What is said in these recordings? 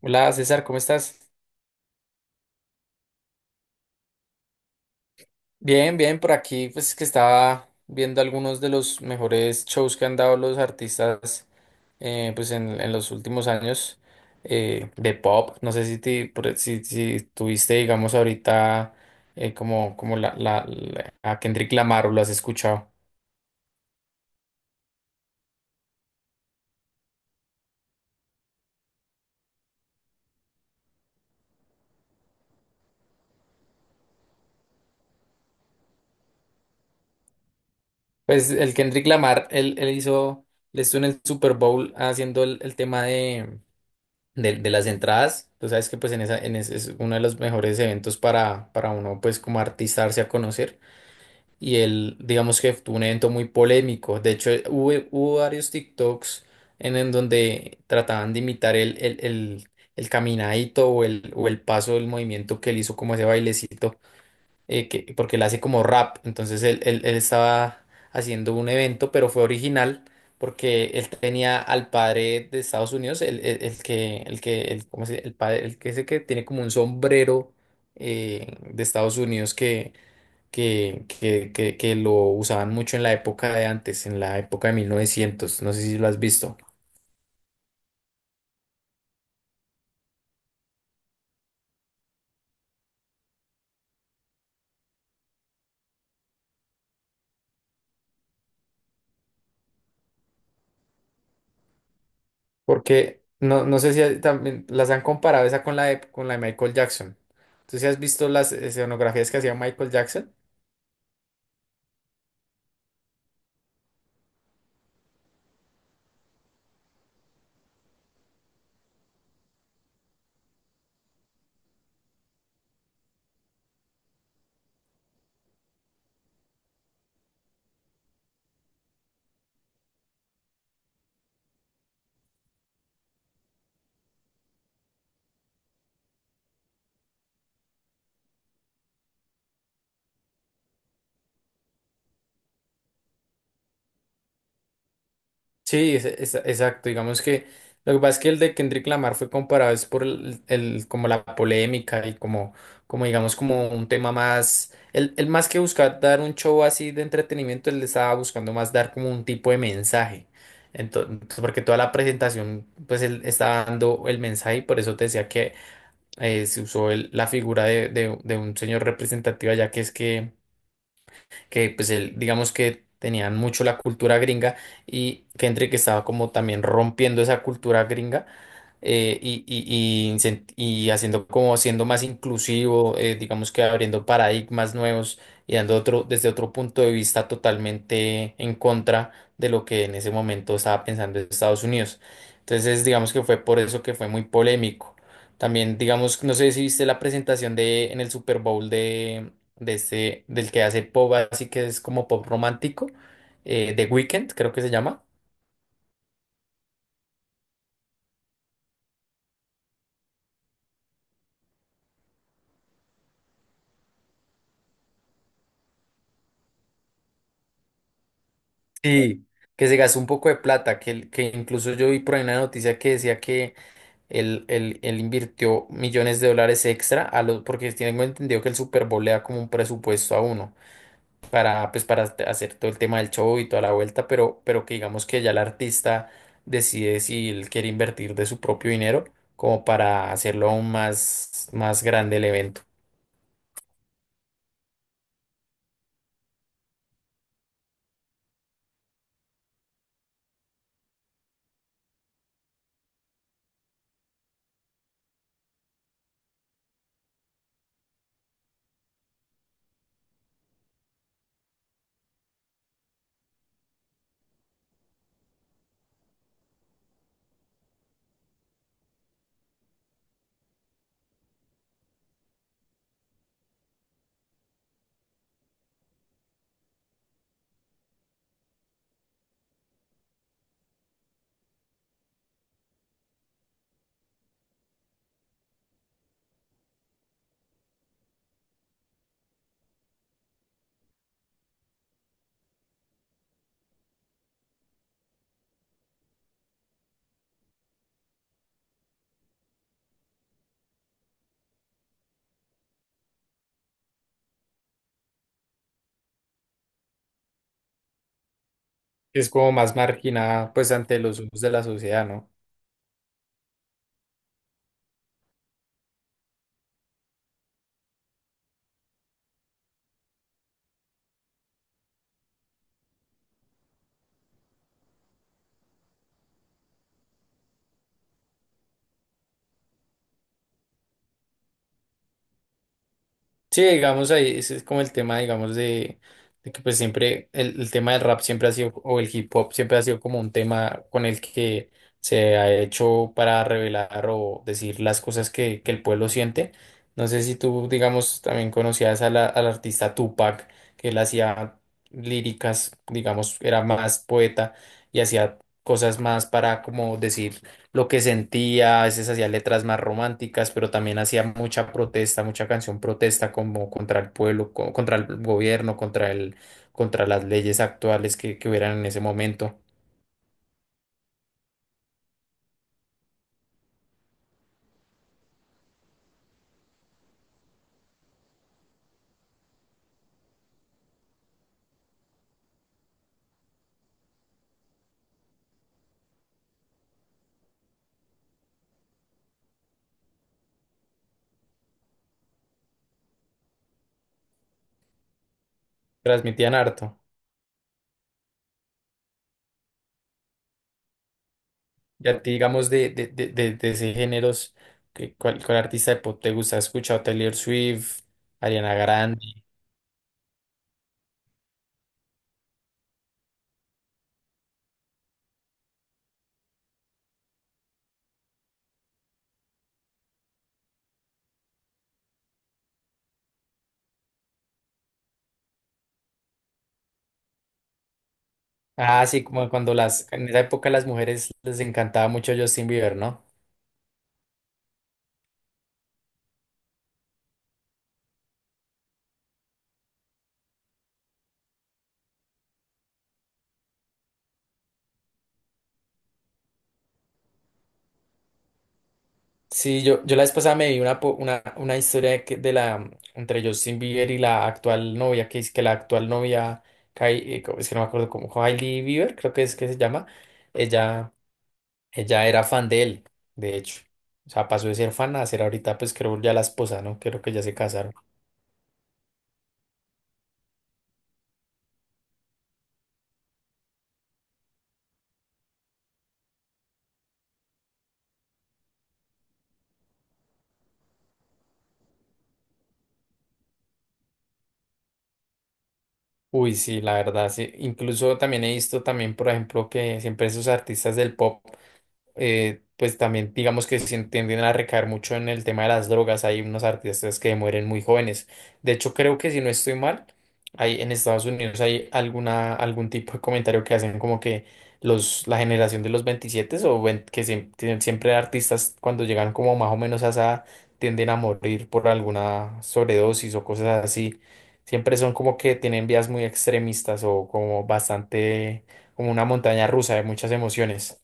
Hola César, ¿cómo estás? Bien, bien, por aquí pues que estaba viendo algunos de los mejores shows que han dado los artistas pues en los últimos años de pop. No sé si, te, por- e, si, si tuviste, digamos, ahorita como, como a Kendrick Lamar o lo has escuchado. Pues el Kendrick Lamar, él hizo, él estuvo en el Super Bowl haciendo el tema de las entradas, tú sabes que pues en esa, en ese es uno de los mejores eventos para uno pues como artistarse a conocer. Y él digamos que tuvo un evento muy polémico, de hecho hubo varios TikToks en donde trataban de imitar el caminadito o el paso del movimiento que él hizo como ese bailecito porque él hace como rap, entonces él estaba haciendo un evento, pero fue original porque él tenía al padre de Estados Unidos, el que, el que, el, ¿cómo se- dice? El padre, el que ese que tiene como un sombrero de Estados Unidos que, que lo usaban mucho en la época de antes, en la época de 1900, no sé si lo has visto, porque no, no sé si hay- también las han comparado esa con la de Michael Jackson. ¿Tú sí has visto las escenografías que hacía Michael Jackson? Sí, exacto. Digamos que lo que pasa es que el de Kendrick Lamar fue comparado es por como la polémica y como, como digamos como un tema más, el más que buscar dar un show así de entretenimiento, él estaba buscando más dar como un tipo de mensaje. Entonces, porque toda la presentación, pues él estaba dando el mensaje y por eso te decía que se usó el- la figura de un señor representativo, ya que es que pues él, digamos que tenían mucho la cultura gringa y Kendrick estaba como también rompiendo esa cultura gringa, eh, y, y, y haciendo como siendo más inclusivo, digamos que abriendo paradigmas nuevos y dando otro, desde otro punto de vista totalmente en contra de lo que en ese momento estaba pensando Estados Unidos. Entonces, digamos que fue por eso que fue muy polémico. También, digamos, no sé si viste la presentación de en el Super Bowl de este, del que hace pop, así que es como pop romántico, The Weeknd, creo que se llama. Sí, que se gastó un poco de plata, que, el que incluso yo vi por ahí una noticia que decía que él invirtió millones de dólares extra a los, porque tengo entendido que el Super Bowl le da como un presupuesto a uno para, pues, para hacer hacer todo el tema del show y toda la vuelta, pero que digamos que ya el artista decide si él quiere invertir de su propio dinero como para hacerlo aún más, más grande el evento. Es como más marginada pues ante los ojos de la sociedad, ¿no? Sí, digamos ahí, ese es como el tema, digamos, de que pues siempre el tema del rap siempre ha sido, o el hip hop siempre ha sido como un tema con el que se ha hecho para revelar o decir las cosas que el pueblo siente. No sé si tú, digamos, también conocías a la- al artista Tupac, que él hacía líricas, digamos, era más poeta y hacía cosas más para como decir lo que sentía, a veces hacía letras más románticas, pero también hacía mucha protesta, mucha canción protesta como contra el pueblo, co- contra el gobierno, contra el, contra las leyes actuales que hubieran en ese momento. Transmitían harto. Y a ti, digamos, de ese géneros, ¿qué- ¿cuál, cuál artista de pop te gusta? ¿Has escuchado Taylor Swift, Ariana Grande? Ah, sí, como cuando las, en esa época las mujeres les encantaba mucho Justin Bieber, ¿no? Sí, yo la vez pasada me vi una, po- una historia de, que- de la, entre Justin Bieber y la actual novia, que es que la actual novia, Kai- co- es que no me acuerdo cómo, Hailey Bieber, creo que es que se llama, ella, ella era fan de él, de hecho. O sea, pasó de ser fan a ser ahorita, pues creo ya la esposa, ¿no? Creo que ya se casaron. Uy, sí, la verdad, sí. Incluso también he visto también, por ejemplo, que siempre esos artistas del pop. Pues también digamos que se tienden a recaer mucho en el tema de las drogas. Hay unos artistas que mueren muy jóvenes. De hecho, creo que si no estoy mal, hay, en Estados Unidos hay alguna, algún tipo de comentario que hacen como que los, la generación de los 27 o vein- que se tienen siempre artistas cuando llegan como más o menos a esa edad, tienden a morir por alguna sobredosis o cosas así. Siempre son como que tienen vías muy extremistas o como bastante, como una montaña rusa de muchas emociones.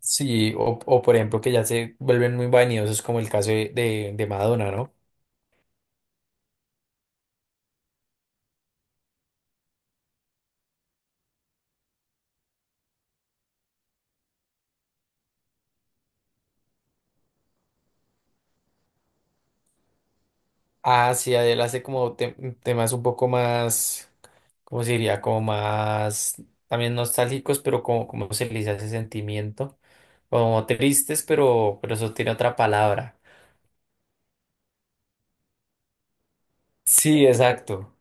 Sí, o por ejemplo que ya se vuelven muy vanidosos como el caso de Madonna, ¿no? Ah, sí, él hace como te- temas un poco más, ¿cómo se diría? Como más también nostálgicos, pero como, como se le dice a ese sentimiento, como tristes, pero eso tiene otra palabra. Sí, exacto.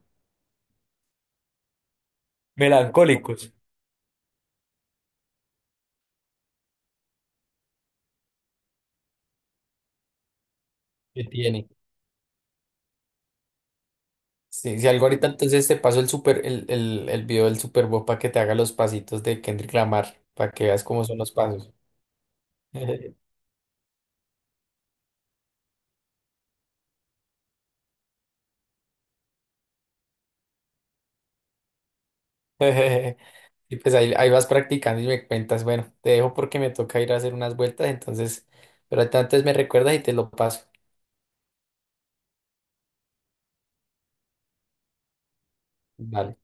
Melancólicos. Que tiene. Sí, si algo ahorita entonces te paso el super, el video del Super Bowl para que te haga los pasitos de Kendrick Lamar, para que veas cómo son los pasos. Y pues ahí, ahí vas practicando y me cuentas, bueno, te dejo porque me toca ir a hacer unas vueltas, entonces, pero antes me recuerdas y te lo paso. Vale.